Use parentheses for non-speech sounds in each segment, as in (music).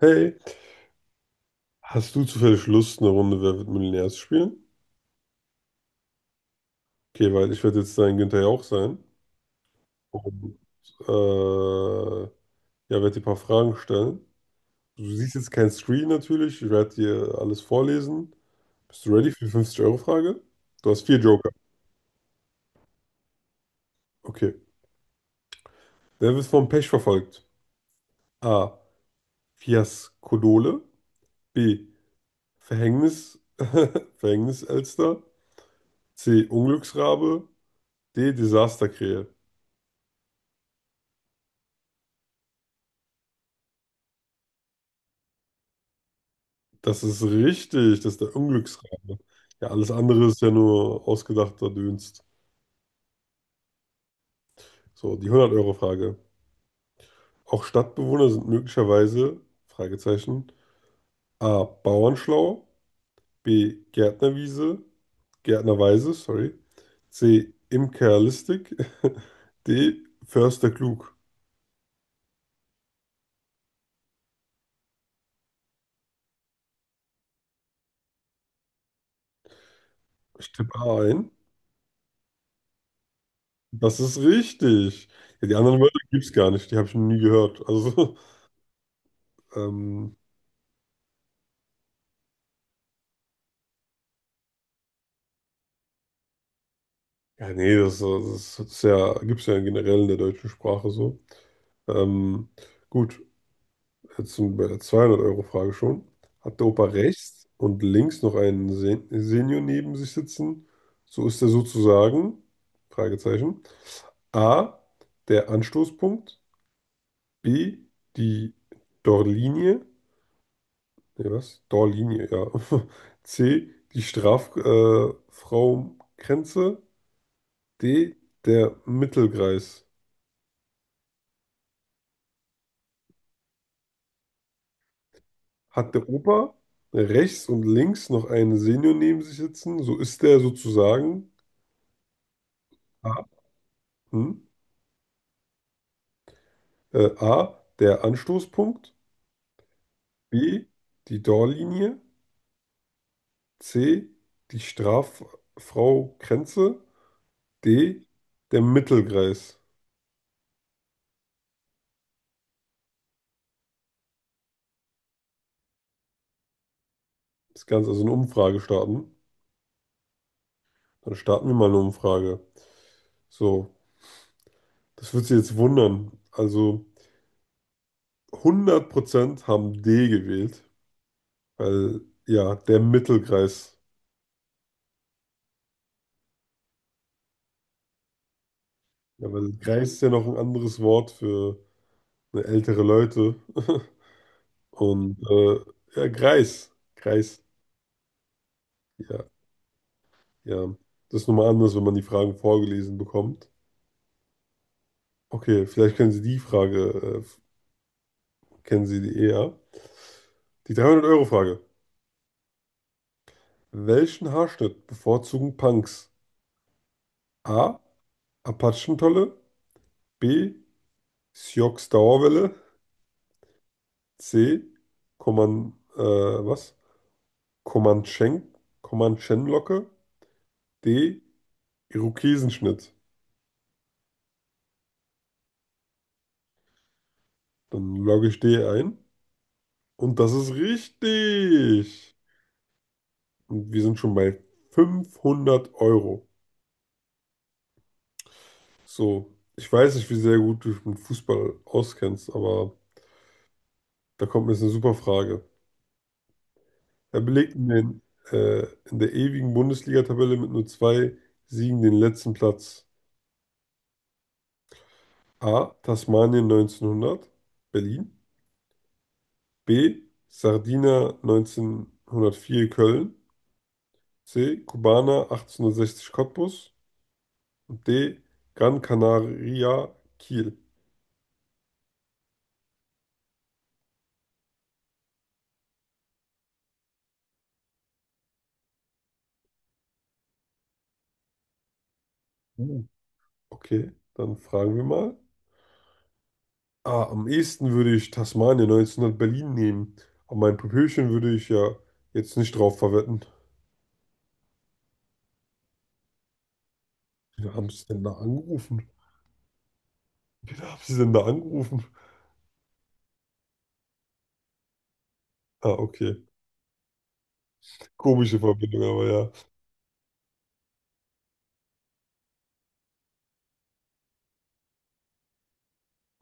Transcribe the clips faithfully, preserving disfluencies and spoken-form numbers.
Hey, hast du zufällig Lust, eine Runde Wer wird Millionär zu spielen? Okay, weil ich werde jetzt dein Günther Jauch sein und äh, ja, werde dir ein paar Fragen stellen. Du siehst jetzt keinen Screen natürlich, ich werde dir alles vorlesen. Bist du ready für die fünfzig-Euro-Frage? Du hast vier Joker. Okay. Wer wird vom Pech verfolgt? A. Fiaskodole. B. Verhängnis. (laughs) Verhängniselster. C. Unglücksrabe. D. Desasterkrähe. Das ist richtig, das ist der Unglücksrate. Ja, alles andere ist ja nur ausgedachter Dünst. So, die hundert-Euro-Frage. Auch Stadtbewohner sind möglicherweise, Fragezeichen, A. Bauernschlau, B. Gärtnerwiese, Gärtnerweise, sorry, C. Imkerlistig, (laughs) D. Förster klug. Ich tippe A ein. Das ist richtig. Ja, die anderen Wörter gibt es gar nicht, die habe ich noch nie gehört. Also, (laughs) ähm, ja, nee, das, das, das ist ja, gibt es ja generell in der deutschen Sprache so. Ähm, gut, jetzt sind wir bei der zweihundert euro frage schon. Hat der Opa rechts und links noch einen Sen Senior neben sich sitzen, so ist er sozusagen, Fragezeichen, A, der Anstoßpunkt, B, die Torlinie, nee, was? Torlinie, ja. (laughs) C, die Strafraumgrenze, äh, Frau- Grenze, D, der Mittelkreis. Hat der Opa rechts und links noch einen Senior neben sich sitzen, so ist der sozusagen A, hm, äh, A, der Anstoßpunkt, B, die Torlinie, C, die Straffrau Grenze, D, der Mittelkreis. Das Ganze, also eine Umfrage starten. Dann starten wir mal eine Umfrage. So, das wird Sie jetzt wundern. Also hundert Prozent haben D gewählt, weil ja, der Mittelkreis. Ja, weil Greis ist ja noch ein anderes Wort für ne, ältere Leute. (laughs) Und äh, ja, Greis. Greis. Ja, ja. Das ist nochmal anders, wenn man die Fragen vorgelesen bekommt. Okay, vielleicht kennen Sie die Frage, äh, kennen Sie die eher. Die dreihundert-Euro-Frage. Welchen Haarschnitt bevorzugen Punks? A. Apachentolle. B. Sioux Dauerwelle. C. Coman, äh, was? Comanchen, Comanchenlocke. D. Irokesenschnitt. Dann logge ich D ein. Und das ist richtig. Und wir sind schon bei fünfhundert Euro. So, ich weiß nicht, wie sehr gut du dich mit Fußball auskennst, aber da kommt mir jetzt eine super Frage. Er belegt in, den, äh, in der ewigen Bundesliga-Tabelle mit nur zwei Siegen den letzten Platz. A. Tasmanien neunzehnhundert, Berlin. B. Sardinia neunzehnhundertvier Köln. C. Kubaner achtzehnhundertsechzig Cottbus. D. Gran Canaria, Kiel. Uh, Okay, dann fragen wir mal. Ah, am ehesten würde ich Tasmanien neunzehnhundert Berlin nehmen. Aber mein Popöchen würde ich ja jetzt nicht drauf verwetten. Wen haben sie denn da angerufen? (laughs) Wen haben sie denn da angerufen? Ah, okay. Komische Verbindung, aber ja.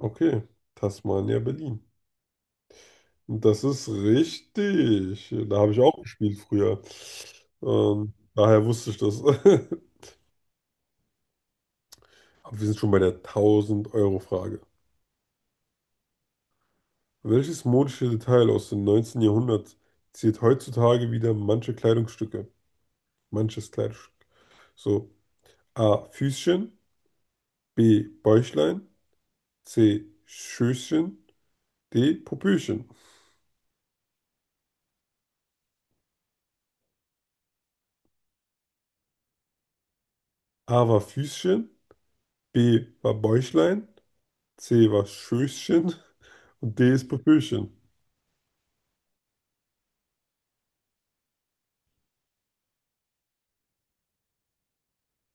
Okay, Tasmania, Berlin. Und das ist richtig. Da habe ich auch gespielt früher. Ähm, daher wusste ich das. (laughs) Aber wir sind schon bei der tausend euro frage. Welches modische Detail aus dem neunzehnten Jahrhundert ziert heutzutage wieder manche Kleidungsstücke? Manches Kleidungsstück. So, A. Füßchen, B. Bäuchlein, C. Schößchen, D. Popöchen. A war Füßchen, B war Bäuchlein, C war Schößchen (laughs) und D ist Popöchen.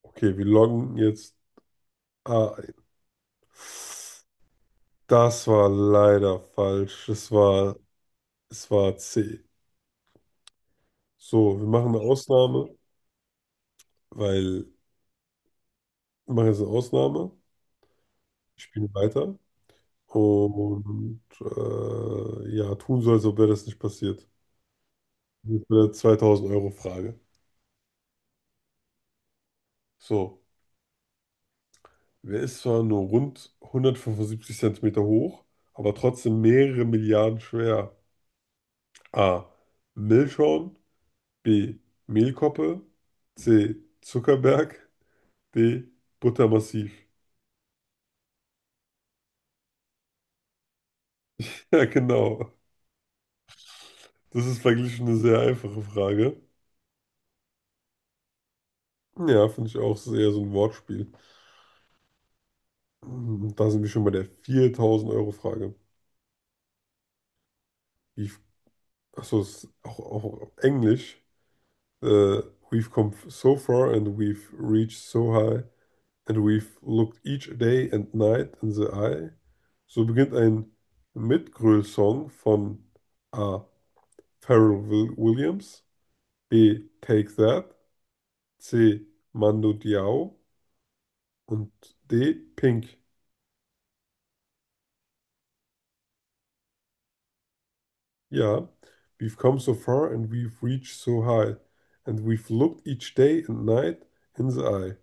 Okay, wir loggen jetzt A ein. Das war leider falsch. Es war, es war C. So, wir machen eine Ausnahme, weil mache jetzt eine Ausnahme, ich spiele weiter und äh, ja, tun so, als ob wäre das nicht passiert. Das ist eine euro frage. So, wer ist zwar nur rund hundertfünfundsiebzig Zentimeter hoch, aber trotzdem mehrere Milliarden schwer? A. Milchschorn, B. Mehlkoppe, C. Zuckerberg, D. Buttermassiv. (laughs) Ja, genau. Das ist verglichen eine sehr einfache Frage. Ja, finde ich auch. Das ist eher so ein Wortspiel. Ähm, Da sind wir schon bei der viertausend euro frage. We've- Achso, das ist auch, auch auf Englisch. Äh, we've come so far and we've reached so high and we've looked each day and night in the eye. So beginnt ein Mitgröl-Song von A. Pharrell Will Williams, B. Take That, C. Mando Diao und D. Pink. Yeah, we've come so far and we've reached so high, and we've looked each day and night in the eye.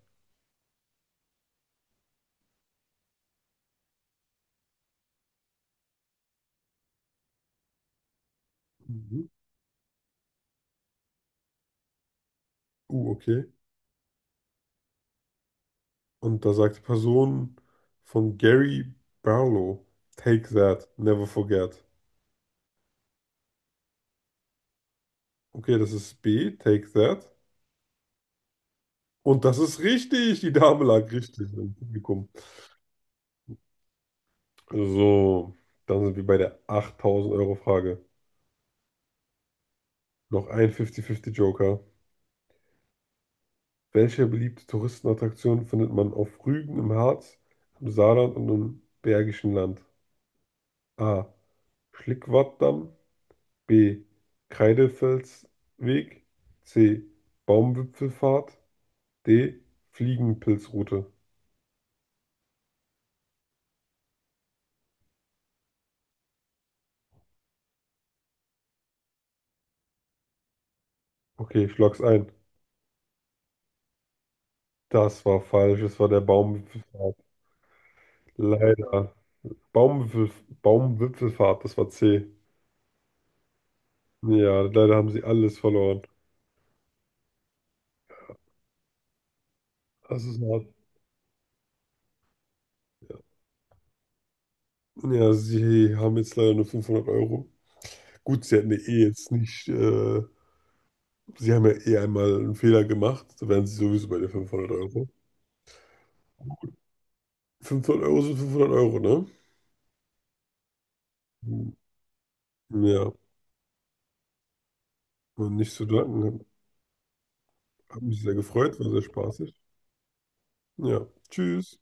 Mhm. Uh, okay. Und da sagt die Person von Gary Barlow, Take that, never forget. Okay, das ist B, Take that. Und das ist richtig, die Dame lag richtig im Publikum. So, dann sind wir bei der achttausend Euro Frage. Noch ein fünfzig fünfzig Joker. Welche beliebte Touristenattraktion findet man auf Rügen im Harz, im Saarland und im Bergischen Land? A. Schlickwartdamm. B. Kreidefelsweg. C. Baumwipfelfahrt. D. Fliegenpilzroute. Okay, ich logg's ein. Das war falsch. Es war der Baumwipfelfahrt. Leider. Baumwipfel, Baumwipfelfahrt, das war C. Ja, leider haben sie alles verloren. Das ist hart. Ja, Ja, sie haben jetzt leider nur fünfhundert Euro. Gut, sie hatten ja eh jetzt nicht, äh, sie haben ja eh einmal einen Fehler gemacht, da wären sie sowieso bei den fünfhundert Euro. Fünfhundert Euro sind fünfhundert Euro, ne? Hm, ja, und nicht zu danken. Hat mich sehr gefreut, war sehr spaßig. Ja, tschüss.